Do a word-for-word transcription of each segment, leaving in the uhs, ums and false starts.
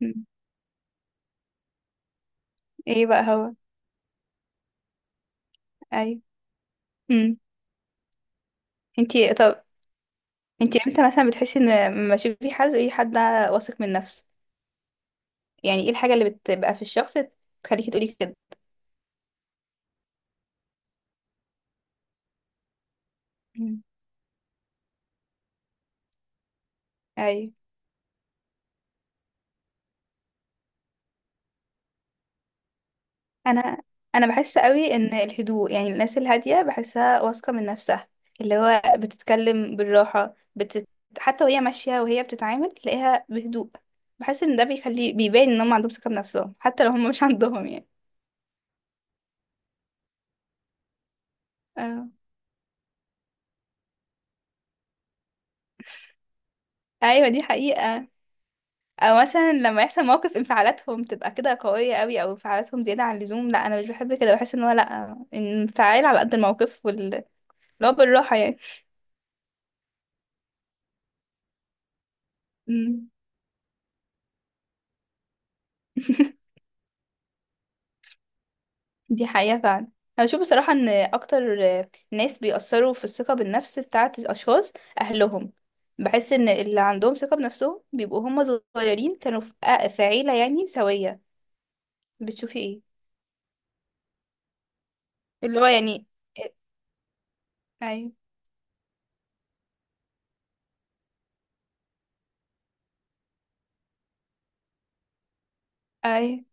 مم. ايه بقى هو؟ ايوه. امم. انتي طب انتي امتى مثلا بتحسي ان لما تشوفي حد، اي حد واثق من نفسه، يعني ايه الحاجه اللي بتبقى في الشخص تخليكي تقولي كده؟ مم. ايوه. انا انا بحس قوي ان الهدوء، يعني الناس الهاديه بحسها واثقه من نفسها، اللي هو بتتكلم بالراحه بتت... حتى وهي ماشيه وهي بتتعامل تلاقيها بهدوء. بحس ان ده بيخلي، بيبان ان هم عندهم ثقه بنفسهم حتى لو هم مش عندهم يعني. اه. ايوه، دي حقيقه. او مثلا لما يحصل موقف انفعالاتهم تبقى كده قوية قوي، او انفعالاتهم زيادة عن اللزوم، لا انا مش بحب كده. بحس ان هو لا، انفعال على قد الموقف، وال اللي هو بالراحة يعني. مم. دي حقيقة فعلا. انا بشوف بصراحة ان اكتر ناس بيأثروا في الثقة بالنفس بتاعة الاشخاص اهلهم. بحس ان اللي عندهم ثقة بنفسهم بيبقوا هم صغيرين، كانوا في في عيلة يعني سوية. بتشوفي ايه؟ اللي هو يعني، اي. اي،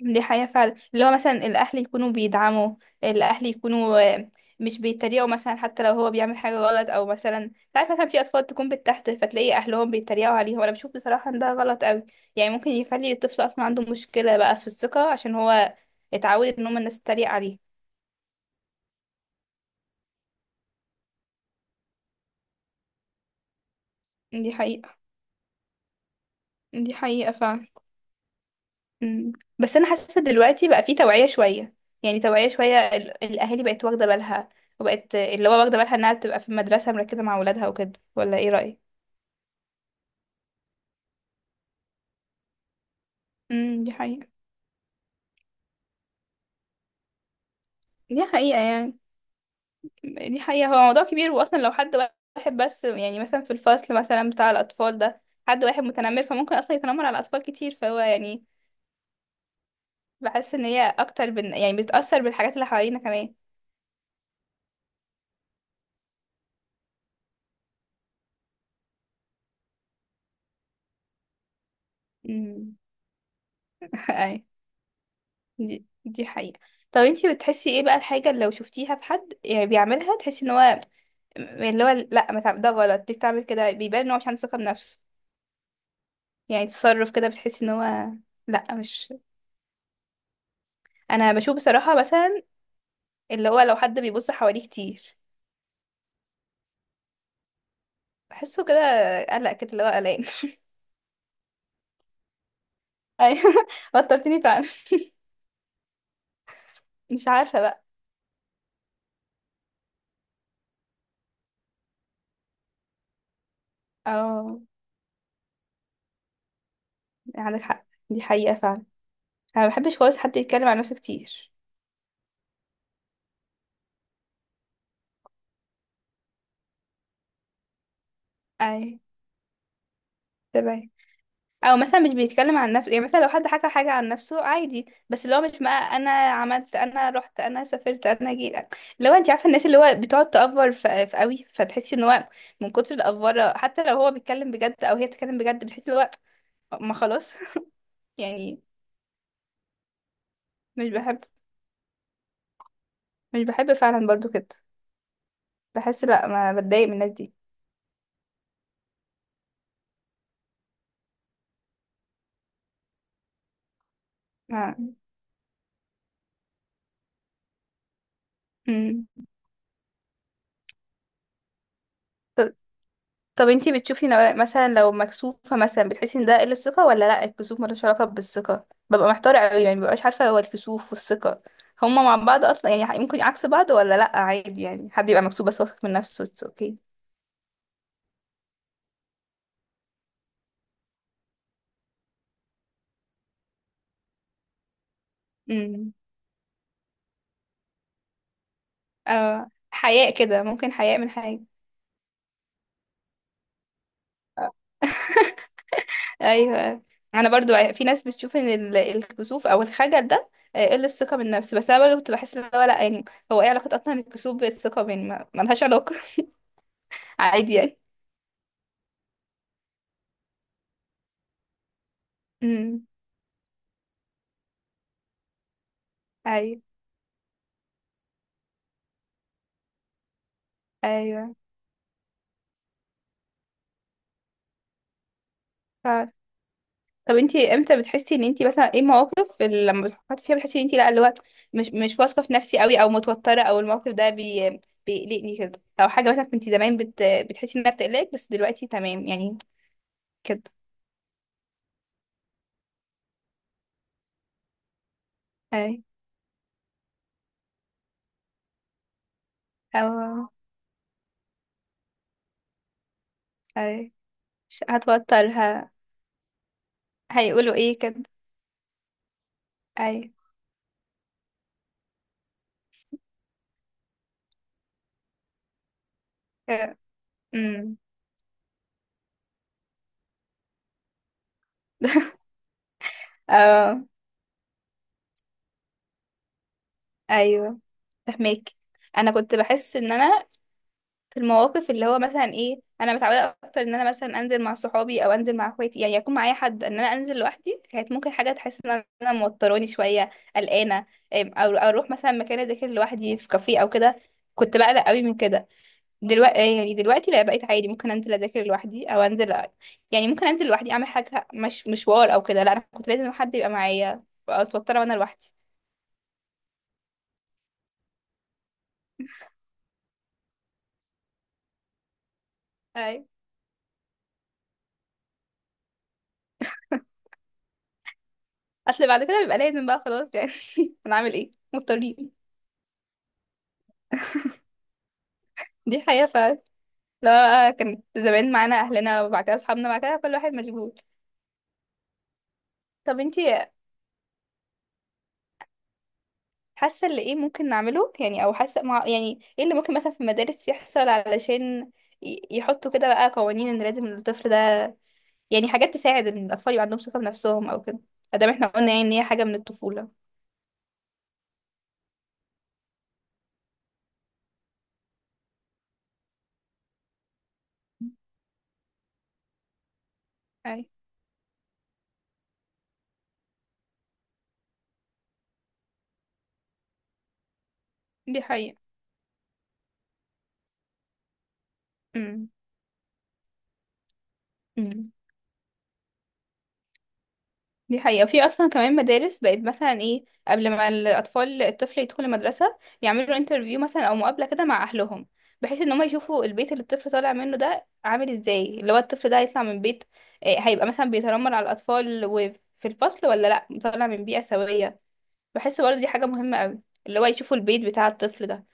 دي حقيقة فعلا. اللي هو مثلا الأهل يكونوا بيدعموا، الأهل يكونوا آه، مش بيتريقوا مثلا حتى لو هو بيعمل حاجة غلط، أو مثلا تعرف مثلا في أطفال تكون بالتحت فتلاقي أهلهم بيتريقوا عليهم. أنا بشوف بصراحة إن ده غلط أوي. يعني ممكن يخلي الطفل أصلا عنده مشكلة بقى في الثقة، عشان هو اتعود إن هما الناس تتريق عليه. دي حقيقة. دي حقيقة فعلا. مم. بس أنا حاسة دلوقتي بقى في توعية شوية، يعني توعية شوية، ال- الأهالي بقت واخدة بالها، وبقت اللي هو واخدة بالها إنها تبقى في المدرسة مركزة مع ولادها وكده، ولا إيه رأيك؟ امم، دي حقيقة. دي حقيقة يعني. دي حقيقة. هو موضوع كبير. واصلا لو حد واحد بس يعني مثلا في الفصل مثلا بتاع الاطفال ده، حد واحد متنمر فممكن اصلا يتنمر على اطفال كتير، فهو يعني بحس ان هي اكتر بن... يعني بتأثر بالحاجات اللي حوالينا كمان. امم. اي. دي... دي حقيقة. طب انتي بتحسي ايه بقى الحاجة اللي لو شفتيها في حد يعني بيعملها، تحسي ان هو اللي هو لا، ما تعمل- ده غلط، ليه بتعمل كده؟ بيبان ان هو مش عنده ثقة بنفسه. يعني تصرف كده بتحسي ان هو لا، مش. انا بشوف بصراحة مثلا اللي هو لو حد بيبص حواليه كتير بحسه كده، قلق كده اللي هو قلقان. ايوه، وترتيني فعلا. مش عارفه بقى. اه، عندك حق، دي حقيقه فعلا. انا ما بحبش خالص حد يتكلم عن نفسه كتير. اي. تمام. او مثلا مش بيتكلم عن نفسه، يعني مثلا لو حد حكى حاجه عن نفسه عادي بس اللي هو مش بقى انا عملت انا رحت انا سافرت انا جيت، اللي هو انت عارفه الناس اللي هو بتقعد تأفور في في قوي، فتحسي ان هو من كتر الأفورة حتى لو هو بيتكلم بجد او هي بتتكلم بجد، بتحسي اللي هو ما خلاص. يعني مش بحب. مش بحب فعلا برضو كده. بحس لا، ما بتضايق من الناس دي. ما. مم. ط- طب انتي بتشوفي نوع- مثلا لو مكسوفة مثلا بتحسي ان ده قلة ثقة ولا لا؟ الكسوف ملوش علاقة بالثقة؟ ببقى محتارة قوي، يعني مببقاش عارفة هو الكسوف والثقة هما مع بعض اصلا، يعني ممكن عكس بعض ولا لا، عادي يعني حد يبقى مكسوف بس واثق من نفسه اتس اوكي. امم. اه، حياء كده، ممكن حياء من حاجة. ايوه، أيوة. انا برضو ع- في ناس بتشوف ان ال- الكسوف او الخجل ده آه، قل الثقه بالنفس، بس انا برضو كنت بحس ان هو لا يعني، هو ايه علاقه اصلا الكسوف بالثقه يعني، ما ما لهاش علاقه. عادي يعني. امم. ايوه. ايوه. ف... طب انتي امتى بتحسي ان انتي مثلا ايه مواقف اللي لما بتحطي فيها بتحسي ان انتي لا اللي هو مش مش واثقه في نفسي قوي او متوتره، او الموقف ده بي... بيقلقني كده، او حاجه مثلا كنتي زمان بت... بتحسي انها بتقلقك بس دلوقتي تمام يعني، كده. اي، او اي، مش هتوترها، هيقولوا ايه كده. ايوه. آه. امم. اه. ايوه. فهمك. انا كنت بحس ان انا في المواقف اللي هو مثلا ايه، انا متعوده اكتر ان انا مثلا انزل مع صحابي او انزل مع اخواتي، يعني يكون معايا حد، ان انا انزل لوحدي كانت ممكن حاجه تحس ان انا موتراني شويه، قلقانه. أم، او أو اروح مثلا مكان اذاكر لوحدي في كافيه او كده، كنت بقلق قوي من كده. دلوقتي يعني دلوقتي لا، بقيت عادي. ممكن انزل اذاكر لوحدي او انزل أ- يعني ممكن انزل لوحدي اعمل حاجه، مش مشوار او كده، لا انا كنت لازم حد يبقى معايا، اتوتر وانا لوحدي. اي، اصل بعد كده بيبقى لازم بقى خلاص يعني. هنعمل ايه، مضطرين. دي حقيقه فعلا. لا، كانت زمان معانا اهلنا، وبعد كده اصحابنا، بعد كده كل واحد مشغول. طب انتي حاسه اللي ايه ممكن نعمله يعني، او حاسه مع يعني، ايه اللي ممكن مثلا في المدارس يحصل علشان ي- يحطوا كده بقى قوانين ان لازم الطفل ده، يعني حاجات تساعد ان الاطفال يبقى عندهم ثقه بنفسهم او كده، ادام احنا قلنا يعني ان هي حاجه من الطفوله. اي، دي حقيقة. امم. امم. دي حقيقة. في أصلا كمان مدارس بقت مثلا إيه قبل ما الأطفال الطفل يدخل المدرسة، يعملوا انترفيو مثلا أو مقابلة كده مع أهلهم، بحيث إن هما يشوفوا البيت اللي الطفل طالع منه ده عامل إزاي، اللي هو الطفل ده هيطلع من بيت إيه، هيبقى مثلا بيتنمر على الأطفال وفي الفصل، ولا لأ طالع من بيئة سوية. بحس برضه دي حاجة مهمة أوي، اللي هو يشوفوا البيت بتاع الطفل ده.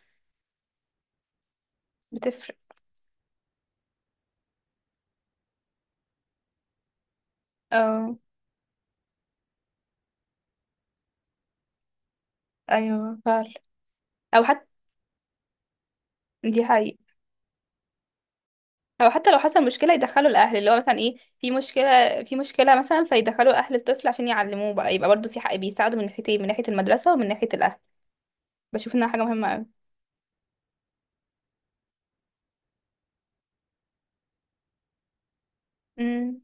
بتفرق. ايوه فعلا. او حتى، دي حقيقة. او حتى لو حصل مشكله يدخلوا الاهل، اللي هو مثلا ايه في مشكله، في مشكله مثلا فيدخلوا اهل الطفل عشان يعلموه بقى، يبقى برضو في حق بيساعدوا من ناحيتين، من ناحيه المدرسه ومن ناحيه الاهل. بشوف انها حاجه مهمه قوي. امم.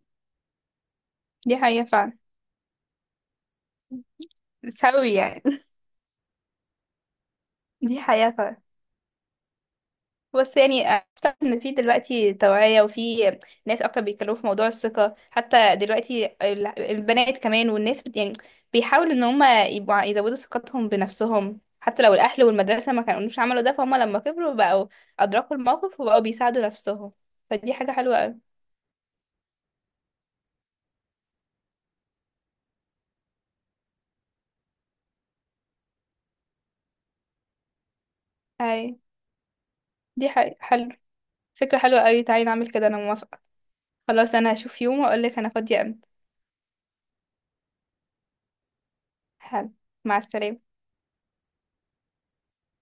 دي حقيقه فعلا. سوي يعني. دي حقيقه فعلا. بس يعني اعتقد ان في دلوقتي توعية، وفي ناس اكتر بيتكلموا في موضوع الثقة، حتى دلوقتي ال- البنات كمان والناس بت يعني بيحاولوا ان هم يبقوا ع- يزودوا ثقتهم بنفسهم، حتى لو الاهل والمدرسة ما كانوش عملوا ده فهم لما كبروا بقوا ادركوا الموقف وبقوا بيساعدوا نفسهم. فدي حاجة حلوة قوي. اي، دي حاجة حلو. فكرة حلوة قوي، تعالي نعمل كده، انا موافقة. خلاص انا هشوف يوم واقول لك انا فاضية امتى. حلو. مع السلامة.